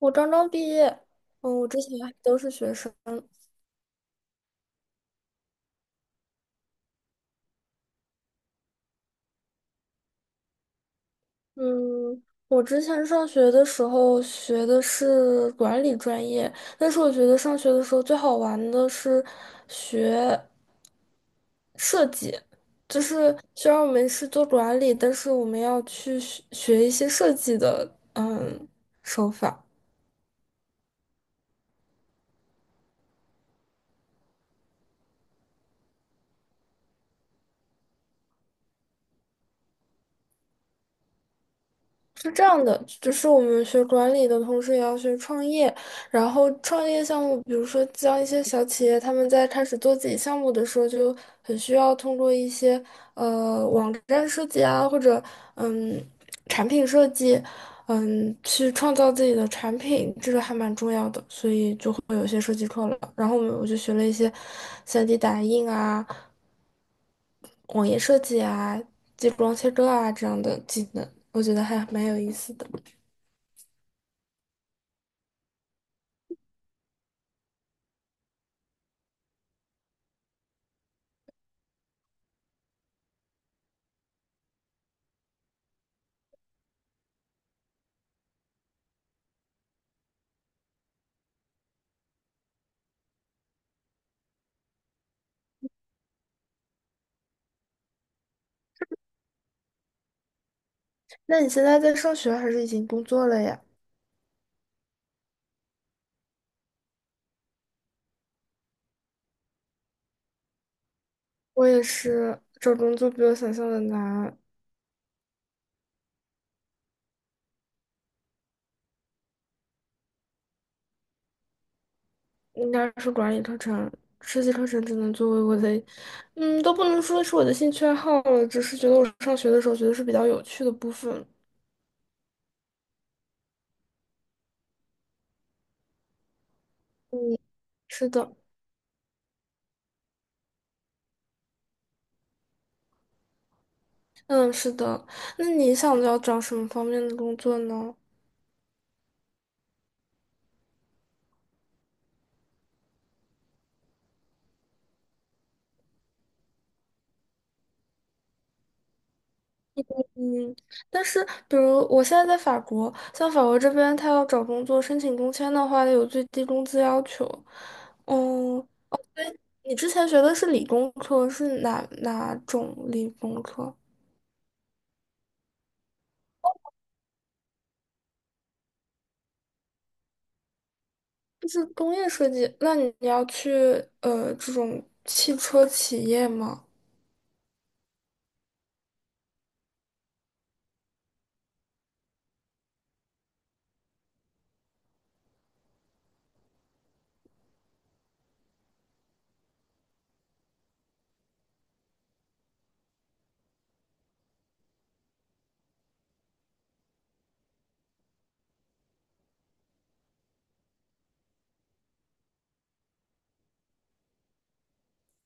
我刚刚毕业，我之前还都是学生。嗯，我之前上学的时候学的是管理专业，但是我觉得上学的时候最好玩的是学设计。就是虽然我们是做管理，但是我们要去学学一些设计的，手法。是这样的，就是我们学管理的同时也要学创业，然后创业项目，比如说像一些小企业，他们在开始做自己项目的时候，就很需要通过一些网站设计啊，或者嗯产品设计，去创造自己的产品，这个还蛮重要的，所以就会有一些设计课了。然后我就学了一些 3D 打印啊、网页设计啊、激光切割啊这样的技能，我觉得还蛮有意思的。那你现在在上学还是已经工作了呀？我也是，找工作比我想象的难。应该是管理课程、设计课程只能作为我的，都不能说是我的兴趣爱好了，只是觉得我上学的时候觉得是比较有趣的部分。嗯，是的，嗯，是的。那你想要找什么方面的工作呢？嗯，但是比如我现在在法国，像法国这边，他要找工作申请工签的话，有最低工资要求。嗯。你之前学的是理工科，是哪种理工科？就是工业设计。那你要去这种汽车企业吗？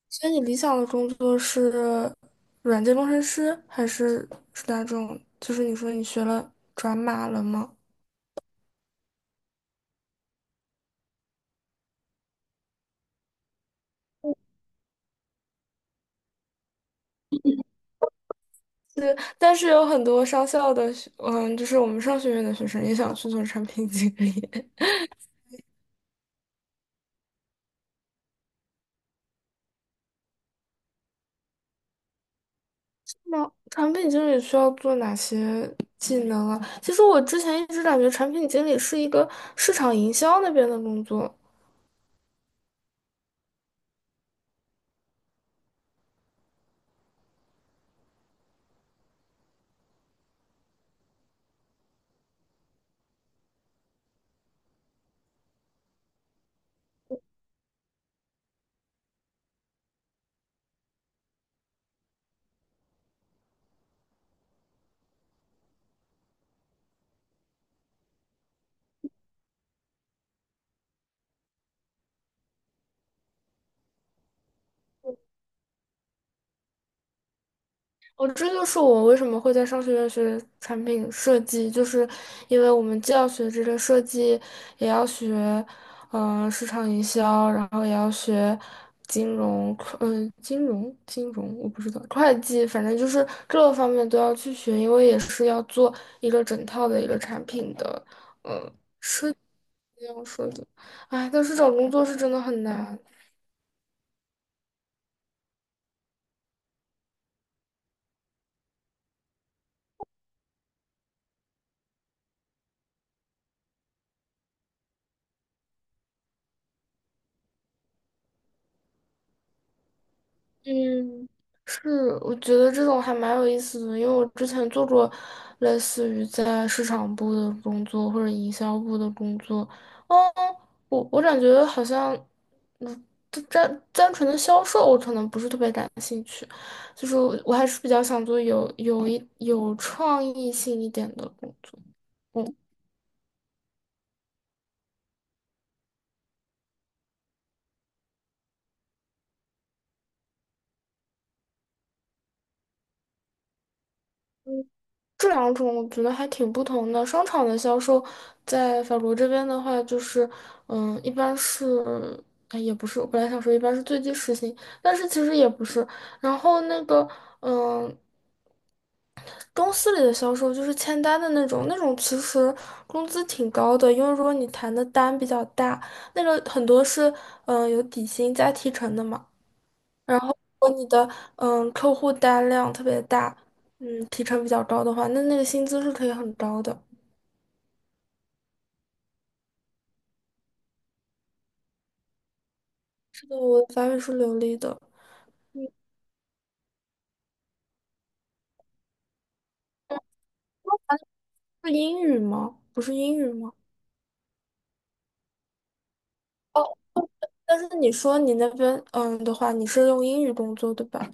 所以你理想的工作是软件工程师，还是哪种？就是你说你学了转码了吗？对，但是有很多商校的学，嗯，就是我们商学院的学生也想去做产品经理。那产品经理需要做哪些技能啊？其实我之前一直感觉产品经理是一个市场营销那边的工作。哦，这就是我为什么会在商学院学产品设计，就是因为我们既要学这个设计，也要学，市场营销，然后也要学金融，嗯、金融，金融，我不知道，会计，反正就是各个方面都要去学，因为也是要做一个整套的一个产品的。呃这样说的，哎，但是找工作是真的很难。嗯是，我觉得这种还蛮有意思的，因为我之前做过类似于在市场部的工作或者营销部的工作，哦，我感觉好像，嗯，就单纯的销售我可能不是特别感兴趣，就是我还是比较想做有创意性一点的工作。嗯。这两种我觉得还挺不同的。商场的销售在法国这边的话，就是，一般是，哎，也不是，我本来想说一般是最低时薪，但是其实也不是。然后那个，嗯，公司里的销售就是签单的那种，那种其实工资挺高的，因为如果你谈的单比较大，那个很多是，有底薪加提成的嘛。然后如果你的，客户单量特别大，提成比较高的话，那个薪资是可以很高的。我的法语是流利的，是英语吗？不是英语吗？但是你说你那边的话，你是用英语工作对吧？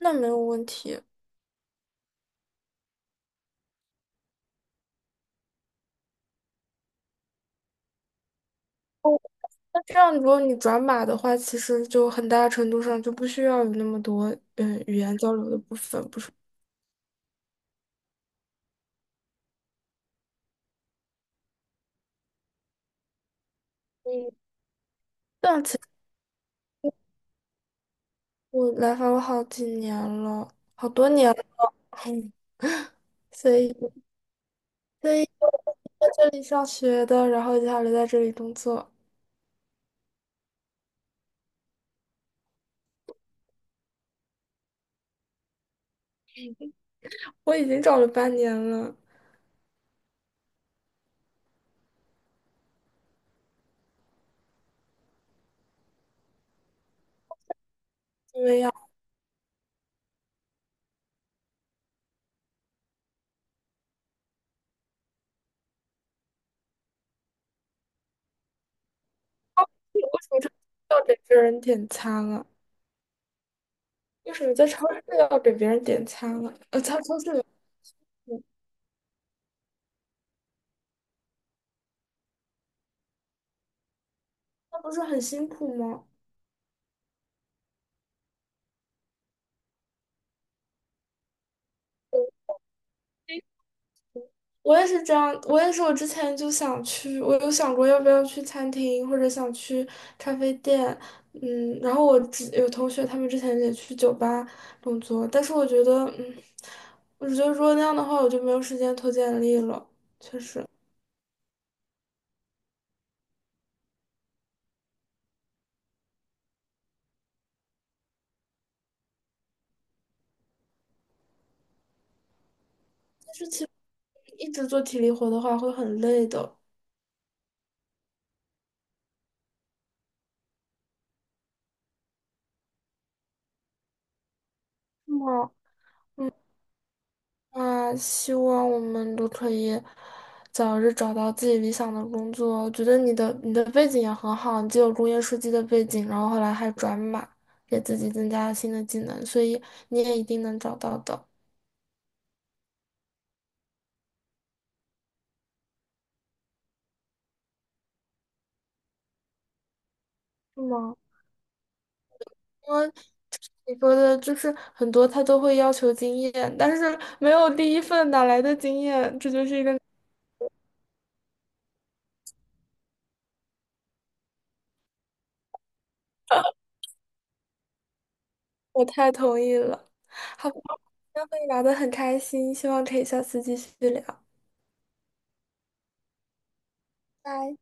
那没有问题。哦，那这样如果你转码的话，其实就很大程度上就不需要有那么多语言交流的部分，不是？嗯，但其实我来法国好几年了，好多年了，嗯，所以所以我在这里上学的，然后接下来在这里工作，我已经找了半年了。因为要。为什么在要给别人点餐啊？为什么在超市要给别人点餐啊？在超市里，那不是很辛苦吗？嗯我也是这样，我也是，我之前就想去，我有想过要不要去餐厅，或者想去咖啡店，然后我之有同学他们之前也去酒吧工作，但是我觉得如果那样的话，我就没有时间投简历了，确实。但是其实一直做体力活的话会很累的。是吗？啊，希望我们都可以早日找到自己理想的工作。我觉得你的背景也很好，你既有工业设计的背景，然后后来还转码，给自己增加了新的技能，所以你也一定能找到的，是吗？因为你说的就是很多他都会要求经验，但是没有第一份哪来的经验？这就是一个我太同意了。好吧，今天和你聊得很开心，希望可以下次继续聊，拜。